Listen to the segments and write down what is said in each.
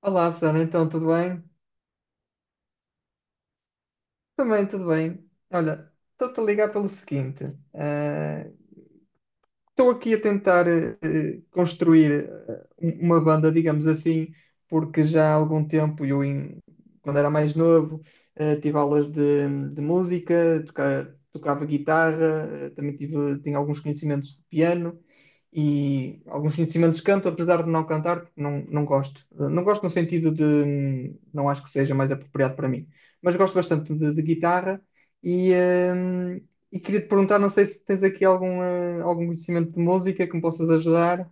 Olá, Susana, então tudo bem? Também tudo bem. Olha, estou-te a ligar pelo seguinte: eh, estou aqui a tentar construir uma banda, digamos assim, porque já há algum tempo, quando era mais novo, tive aulas de música, tocava guitarra, também tinha alguns conhecimentos de piano e alguns conhecimentos de canto, apesar de não cantar, porque não gosto. Não gosto no sentido de não acho que seja mais apropriado para mim, mas gosto bastante de guitarra e, hum, e queria te perguntar, não sei se tens aqui algum, algum conhecimento de música que me possas ajudar.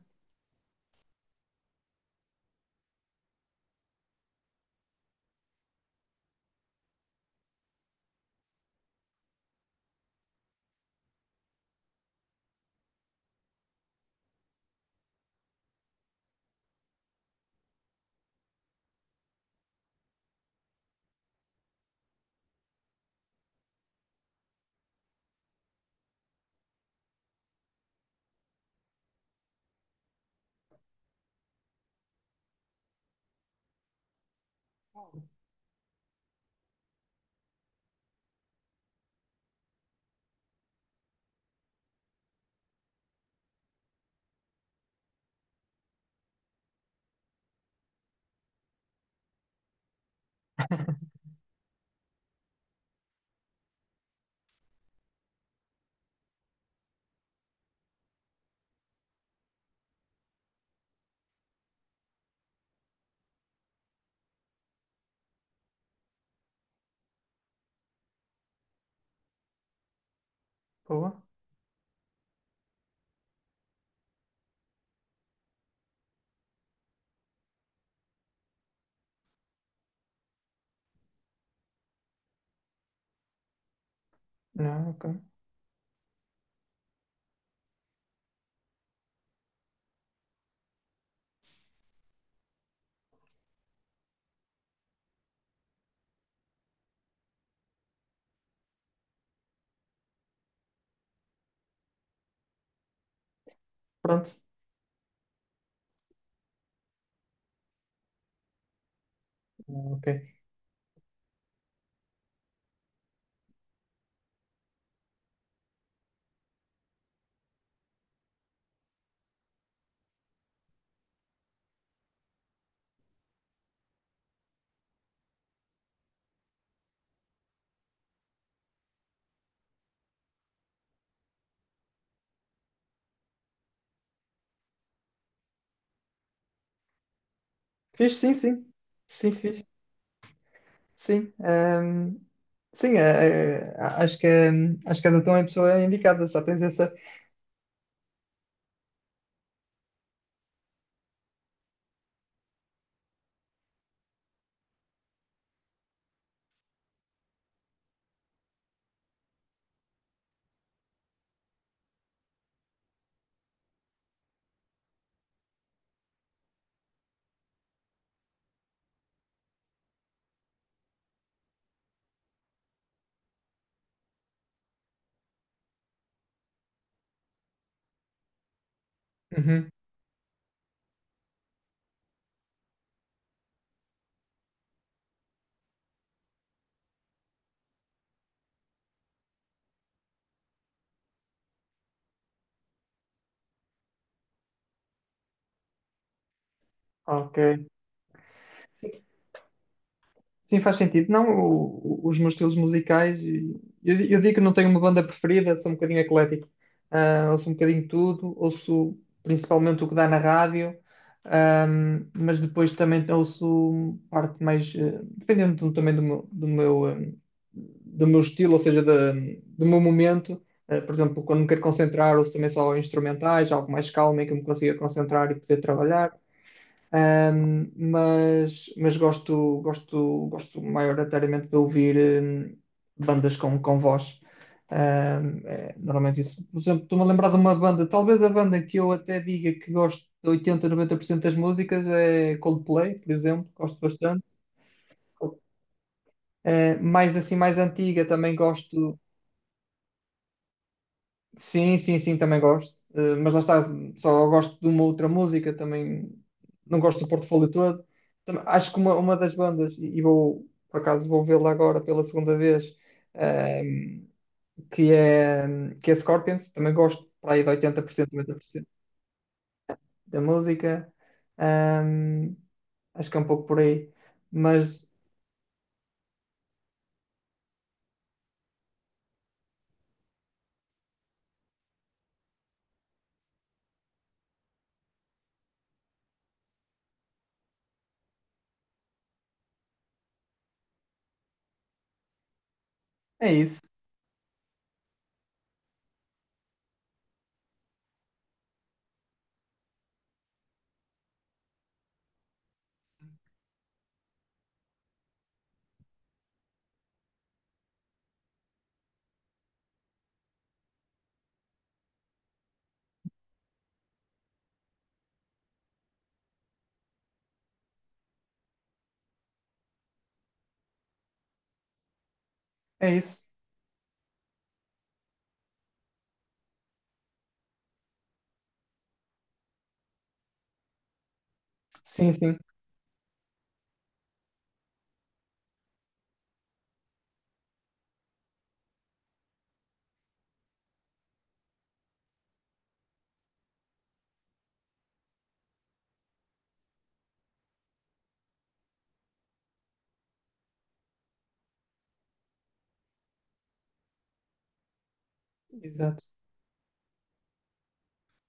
Boa. Não, ok. Pronto. Ok. Fiz, sim, sim. Sim, fiz. Sim. Sim, acho que, acho que és então a pessoa indicada. Já tens essa. Uhum. Ok. Sim, faz sentido. Não, os meus estilos musicais, eu, eu digo que não tenho uma banda preferida, sou um bocadinho eclético. Ah, ouço um bocadinho de tudo, ouço principalmente o que dá na rádio, mas depois também ouço parte mais, dependendo também do meu, do meu estilo, ou seja, do meu momento. Ah, por exemplo, quando me quero concentrar, ouço também só instrumentais, algo mais calmo em que eu me consiga concentrar e poder trabalhar. Mas gosto maioritariamente de ouvir hum, bandas com voz. É, normalmente isso. Por exemplo, estou-me a lembrar de uma banda, talvez a banda que eu até diga que gosto de 80, 90% das músicas é Coldplay, por exemplo, gosto bastante. Eh, mais assim, mais antiga, também gosto, sim, sim, sim, também gosto. Mas lá está, só gosto de uma outra música, também não gosto do portfólio todo. Também acho que uma das bandas, e vou, por acaso, vou vê-la agora pela segunda vez, ehm, que é Scorpions, também gosto para aí de 80% 90% da música. Ehm, acho que é um pouco por aí. Mas é isso, é isso. Sim, sim, exato.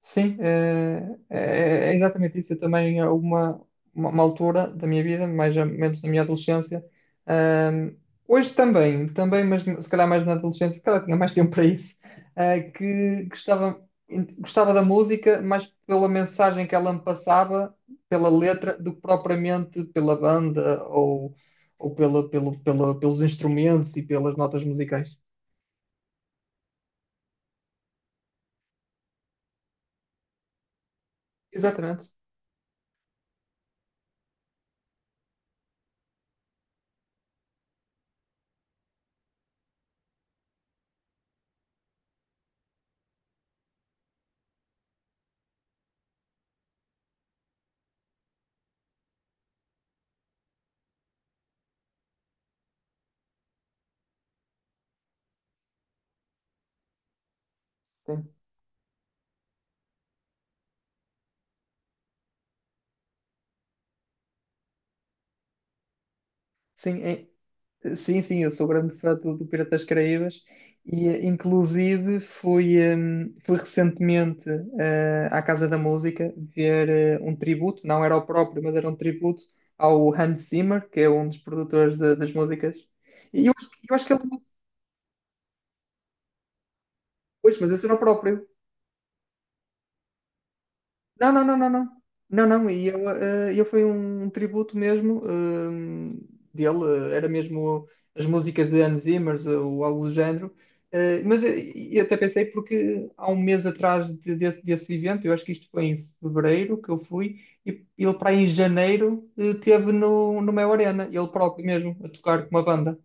Sim, é exatamente isso. Eu também, uma altura da minha vida, mais ou menos na minha adolescência, ahm, hoje também, também, mas se calhar mais na adolescência, se calhar tinha mais tempo para isso, que gostava da música mais pela mensagem que ela me passava, pela letra, do que propriamente pela banda ou, pela, pelos instrumentos e pelas notas musicais. Exatamente. Sim, sim, é- Sim, sim, eu sou grande fã do, do Piratas das Caraíbas e inclusive fui, fui recentemente à Casa da Música ver um tributo, não era o próprio, mas era um tributo ao Hans Zimmer, que é um dos produtores das músicas. E eu, eu acho que ele... Pois, mas esse era o próprio. Não, não, não, não, não. Não, não, e eu, eu foi um tributo mesmo dele, era mesmo as músicas de Hans Zimmer ou algo do género. Mas eu até pensei porque há um mês atrás desse, desse evento, eu acho que isto foi em fevereiro que eu fui, e ele para aí em janeiro teve no Mel Arena, ele próprio mesmo, a tocar com uma banda.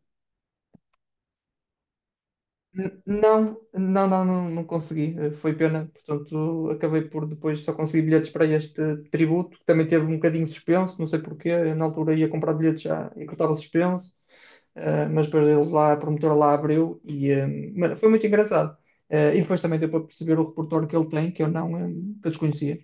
Não, não, não, não, não consegui. Foi pena. Portanto, acabei por depois só conseguir bilhetes para este tributo, que também teve um bocadinho suspenso, não sei porquê. Eu, na altura ia comprar bilhetes já e que estava suspenso, mas depois eles lá, a promotora lá abriu mas foi muito engraçado. E depois também deu para perceber o repertório que ele tem, que eu não, eh, que eu desconhecia.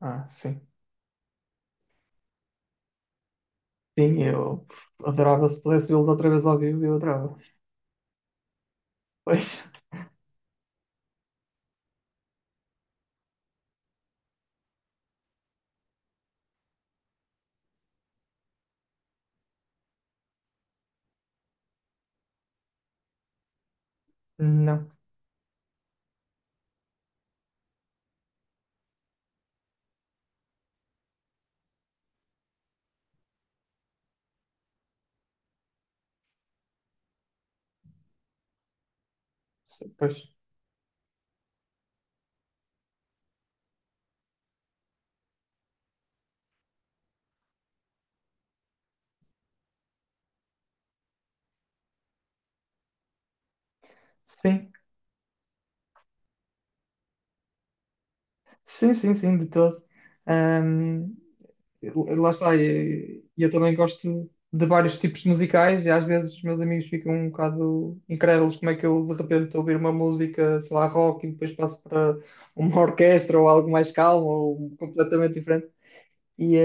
Ah, sim. Sim, eu adorava se pudesse vê-los outra vez ao vivo, eu adorava. Pois, não. Pois, sim. Sim, sim, sim, de todo. Ahm, lá está, e eu também gosto de vários tipos de musicais e às vezes os meus amigos ficam um bocado incrédulos como é que eu de repente estou a ouvir uma música, sei lá, rock e depois passo para uma orquestra ou algo mais calmo ou completamente diferente. E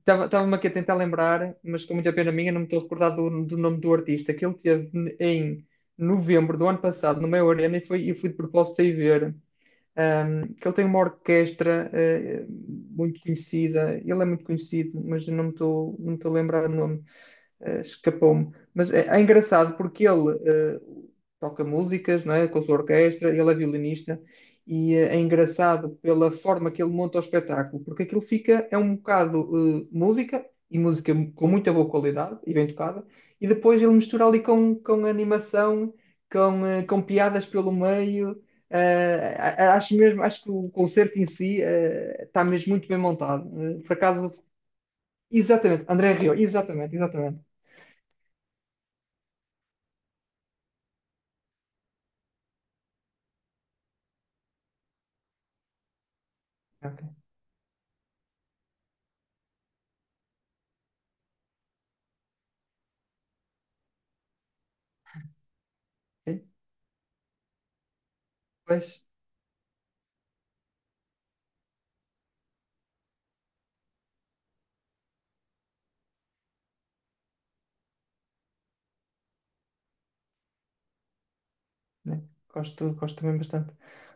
estava-me aqui a tentar lembrar, mas com muita pena minha não me estou a recordar do, do nome do artista, que ele teve em novembro do ano passado no meu Arena foi, e fui de propósito aí ver. Um, que ele tem uma orquestra muito conhecida, ele é muito conhecido, mas eu não me estou a lembrar do nome escapou-me. Mas é, é engraçado porque ele toca músicas, não é? Com a sua orquestra, ele é violinista e é engraçado pela forma que ele monta o espetáculo, porque aquilo fica, é um bocado música, e música com muita boa qualidade e bem tocada, e depois ele mistura ali com animação, com, com piadas pelo meio. Acho mesmo, acho que o concerto em si está mesmo muito bem montado. Por acaso, exatamente, André Rio, exatamente, exatamente. Sim, pois, né? Gosto, gosto também bastante.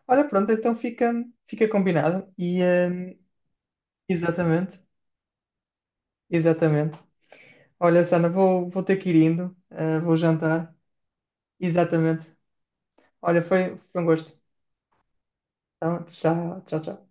Olha, pronto, então fica combinado. Exatamente, exatamente. Olha, Sana, vou ter que ir indo, vou jantar. Exatamente. Olha, foi um gosto. Então, tchau, tchau, tchau.